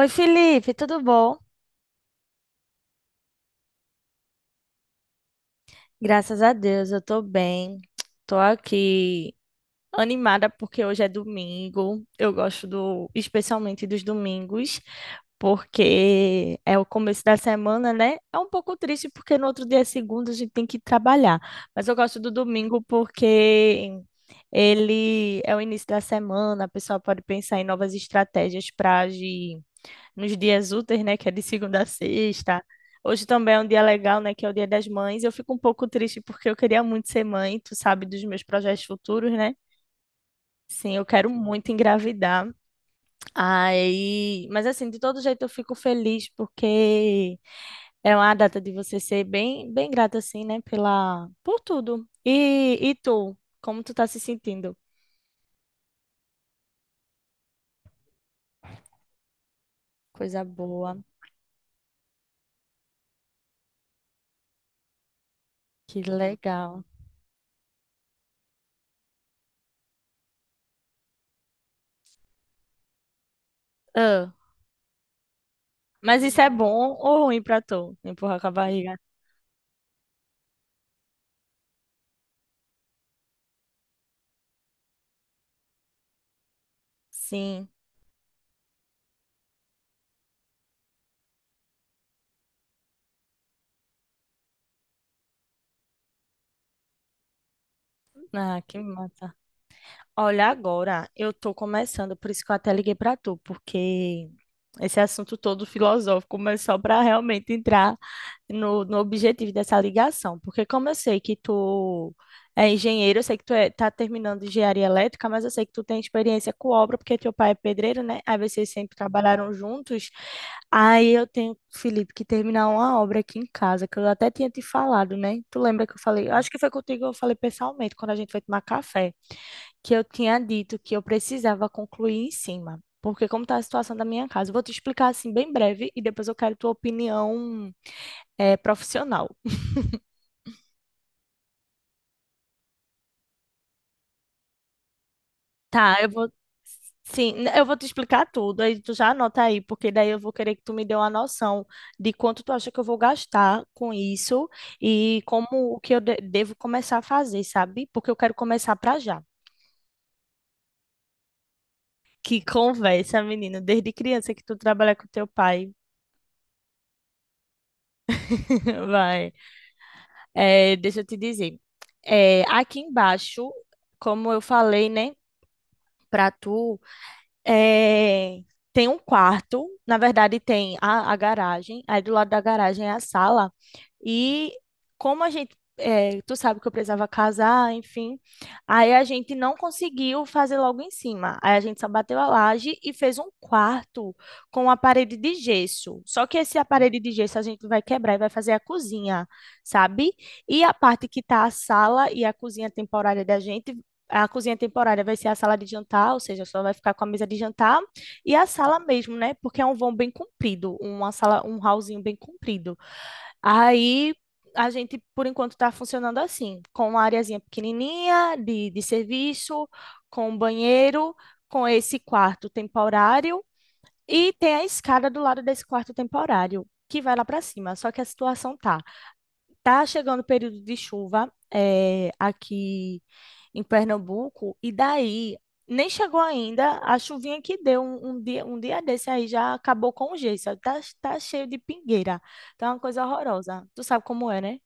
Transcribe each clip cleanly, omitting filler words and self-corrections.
Oi, Felipe, tudo bom? Graças a Deus, eu tô bem. Tô aqui animada porque hoje é domingo. Eu gosto especialmente dos domingos, porque é o começo da semana, né? É um pouco triste porque no outro dia é segunda, a gente tem que trabalhar. Mas eu gosto do domingo porque ele é o início da semana, a pessoa pode pensar em novas estratégias para agir nos dias úteis, né? Que é de segunda a sexta. Hoje também é um dia legal, né? Que é o Dia das Mães. Eu fico um pouco triste porque eu queria muito ser mãe, tu sabe, dos meus projetos futuros, né? Sim, eu quero muito engravidar. Aí, mas assim, de todo jeito eu fico feliz porque é uma data de você ser bem, bem grata assim, né, pela por tudo. E tu, como tu tá se sentindo? Coisa boa, que legal. Ah, mas isso é bom ou ruim pra tu? Empurrar com a barriga? Sim. Ah, que mata. Olha, agora eu tô começando, por isso que eu até liguei pra tu, porque esse assunto todo filosófico, mas só para realmente entrar no objetivo dessa ligação. Porque como eu sei que tu é engenheiro, eu sei que tá terminando engenharia elétrica, mas eu sei que tu tem experiência com obra, porque teu pai é pedreiro, né? Aí vocês sempre trabalharam juntos. Aí eu tenho, Felipe, que terminar uma obra aqui em casa, que eu até tinha te falado, né? Tu lembra que eu falei? Acho que foi contigo que eu falei pessoalmente, quando a gente foi tomar café que eu tinha dito que eu precisava concluir em cima. Porque como está a situação da minha casa? Eu vou te explicar assim bem breve e depois eu quero tua opinião profissional. Tá, eu vou. Sim, eu vou te explicar tudo, aí tu já anota aí, porque daí eu vou querer que tu me dê uma noção de quanto tu acha que eu vou gastar com isso e como o que eu devo começar a fazer, sabe? Porque eu quero começar pra já. Que conversa, menino, desde criança que tu trabalha com teu pai. Vai. É, deixa eu te dizer. Aqui embaixo, como eu falei, né, para tu, é, tem um quarto, na verdade tem a garagem, aí do lado da garagem é a sala. E como a gente, tu sabe que eu precisava casar, enfim, aí a gente não conseguiu fazer logo em cima. Aí a gente só bateu a laje e fez um quarto com a parede de gesso. Só que esse parede de gesso a gente vai quebrar e vai fazer a cozinha, sabe? E a parte que tá a sala e a cozinha temporária da gente a cozinha temporária vai ser a sala de jantar, ou seja, só vai ficar com a mesa de jantar e a sala mesmo, né? Porque é um vão bem comprido, uma sala, um hallzinho bem comprido. Aí a gente, por enquanto, está funcionando assim, com uma areazinha pequenininha de serviço, com um banheiro, com esse quarto temporário e tem a escada do lado desse quarto temporário que vai lá para cima. Só que a situação tá. Tá chegando o período de chuva aqui em Pernambuco, e daí nem chegou ainda a chuvinha que deu um dia desse aí já acabou com o gesso, tá cheio de pingueira, tá uma coisa horrorosa. Tu sabe como é, né?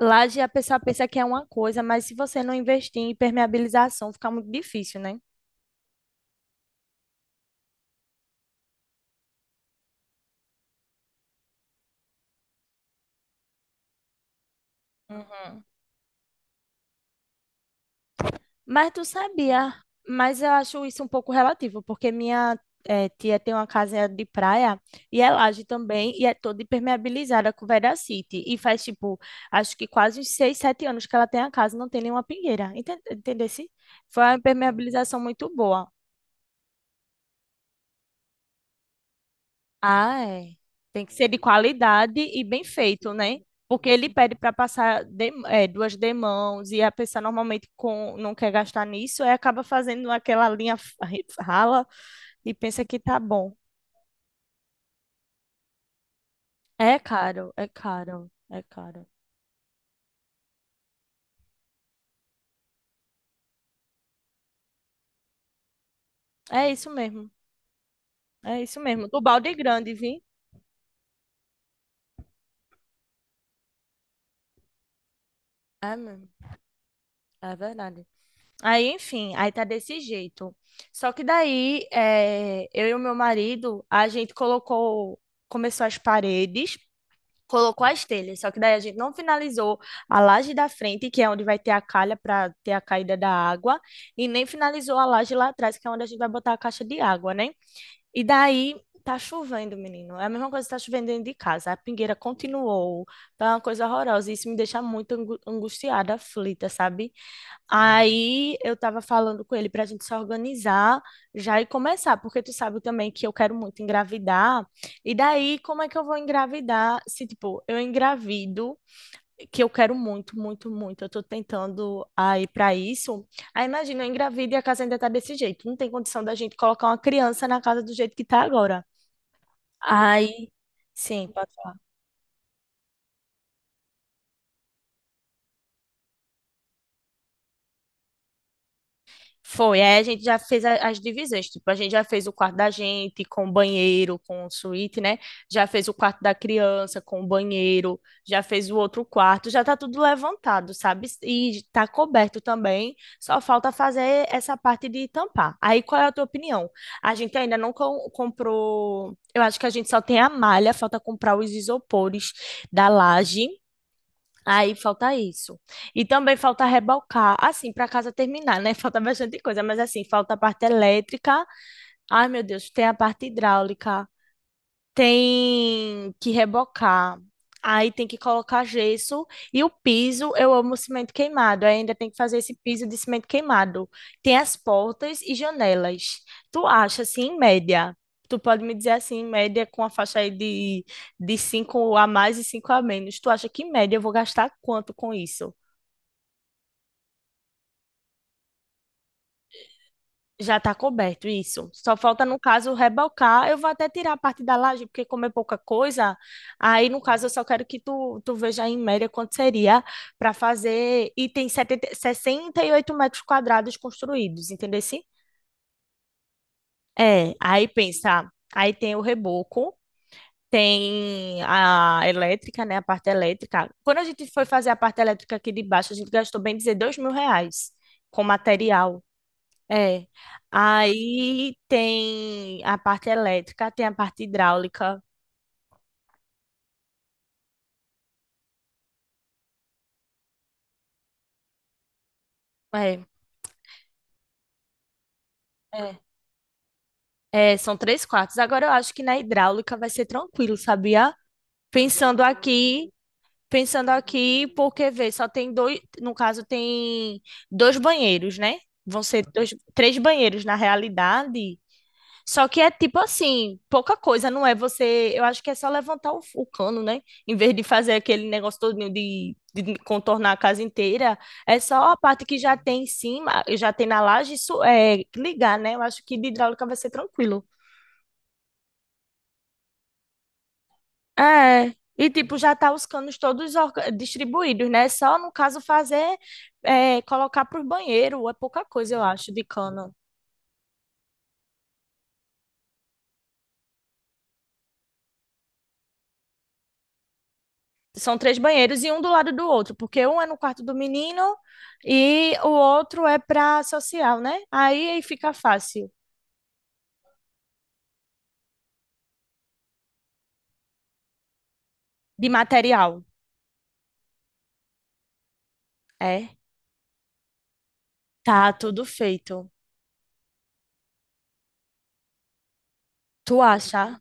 Laje a pessoa pensa que é uma coisa, mas se você não investir em impermeabilização, fica muito difícil, né? Uhum. Mas tu sabia, mas eu acho isso um pouco relativo, porque minha tia tem uma casa de praia e é laje também, e é toda impermeabilizada com veracity. E faz, tipo, acho que quase uns 6, 7 anos que ela tem a casa, não tem nenhuma pingueira. Enten- Entendesse? Foi uma impermeabilização muito boa. Ah, é. Tem que ser de qualidade e bem feito, né? Porque ele pede para passar duas demãos e a pessoa normalmente com, não quer gastar nisso, aí acaba fazendo aquela linha rala. E pensa que tá bom. É caro, é caro, é caro. É isso mesmo, é isso mesmo. Do balde grande, vi? É mesmo, é verdade. Aí, enfim, aí tá desse jeito. Só que daí, eu e o meu marido, começou as paredes, colocou as telhas. Só que daí a gente não finalizou a laje da frente, que é onde vai ter a calha para ter a caída da água, e nem finalizou a laje lá atrás, que é onde a gente vai botar a caixa de água, né? E daí tá chovendo, menino. É a mesma coisa que tá chovendo dentro de casa. A pingueira continuou. Tá uma coisa horrorosa. E isso me deixa muito angustiada, aflita, sabe? Aí eu tava falando com ele pra gente se organizar já e começar, porque tu sabe também que eu quero muito engravidar. E daí, como é que eu vou engravidar se, tipo, eu engravido? Que eu quero muito, muito, muito. Eu tô tentando aí para isso. Aí imagina, eu engravido e a casa ainda tá desse jeito. Não tem condição da gente colocar uma criança na casa do jeito que tá agora. Aí, sim, foi, aí a gente já fez as divisões, tipo, a gente já fez o quarto da gente com banheiro, com suíte, né? Já fez o quarto da criança com banheiro, já fez o outro quarto, já tá tudo levantado, sabe? E tá coberto também, só falta fazer essa parte de tampar. Aí qual é a tua opinião? A gente ainda não comprou, eu acho que a gente só tem a malha, falta comprar os isopores da laje. Aí falta isso. E também falta rebocar, assim, para casa terminar, né? Falta bastante coisa, mas assim, falta a parte elétrica. Ai, meu Deus, tem a parte hidráulica, tem que rebocar. Aí tem que colocar gesso e o piso, eu amo cimento queimado. Aí ainda tem que fazer esse piso de cimento queimado. Tem as portas e janelas. Tu acha assim, em média? Tu pode me dizer assim, em média, com a faixa aí de 5 a mais e 5 a menos. Tu acha que em média eu vou gastar quanto com isso? Já está coberto, isso. Só falta, no caso, rebocar. Eu vou até tirar a parte da laje, porque como é pouca coisa, aí, no caso, eu só quero que tu, tu veja em média quanto seria para fazer. E tem setenta 68 metros quadrados construídos, entendeu? Sim? É, aí pensa, aí tem o reboco, tem a elétrica, né, a parte elétrica. Quando a gente foi fazer a parte elétrica aqui de baixo, a gente gastou, bem dizer, R$ 2.000 com material. É. Aí tem a parte elétrica, tem a parte hidráulica. É, é. É, são três quartos. Agora eu acho que na hidráulica vai ser tranquilo, sabia? Pensando aqui, pensando aqui, porque vê, só tem dois, no caso tem dois banheiros, né? Vão ser dois, três banheiros na realidade. Só que é tipo assim, pouca coisa, não é você. Eu acho que é só levantar o cano, né? Em vez de fazer aquele negócio todinho de contornar a casa inteira, é só a parte que já tem em cima, já tem na laje, isso é ligar, né? Eu acho que de hidráulica vai ser tranquilo. É. E tipo, já tá os canos todos distribuídos, né? Só no caso fazer, colocar por banheiro, é pouca coisa, eu acho, de cano. São três banheiros e um do lado do outro, porque um é no quarto do menino e o outro é para social, né? Aí fica fácil. De material. É, tá tudo feito. Tu acha?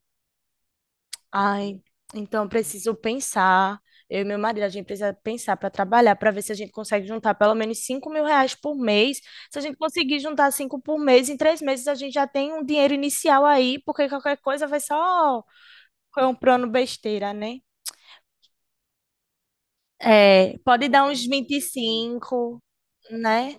Ai, então preciso pensar. Eu e meu marido, a gente precisa pensar para trabalhar, para ver se a gente consegue juntar pelo menos R$ 5.000 por mês. Se a gente conseguir juntar 5 por mês, em 3 meses a gente já tem um dinheiro inicial aí, porque qualquer coisa vai só comprando besteira, né? É, pode dar uns 25, né?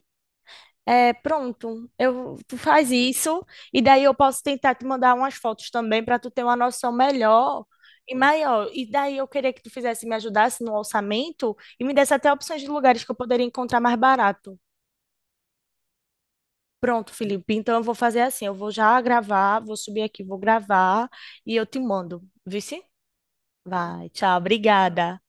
É, pronto. Eu, tu faz isso e daí eu posso tentar te mandar umas fotos também para tu ter uma noção melhor e maior. E daí eu queria que tu fizesse me ajudasse no orçamento e me desse até opções de lugares que eu poderia encontrar mais barato. Pronto, Felipe. Então eu vou fazer assim, eu vou já gravar, vou subir aqui, vou gravar e eu te mando. Viu sim? Vai, tchau, obrigada.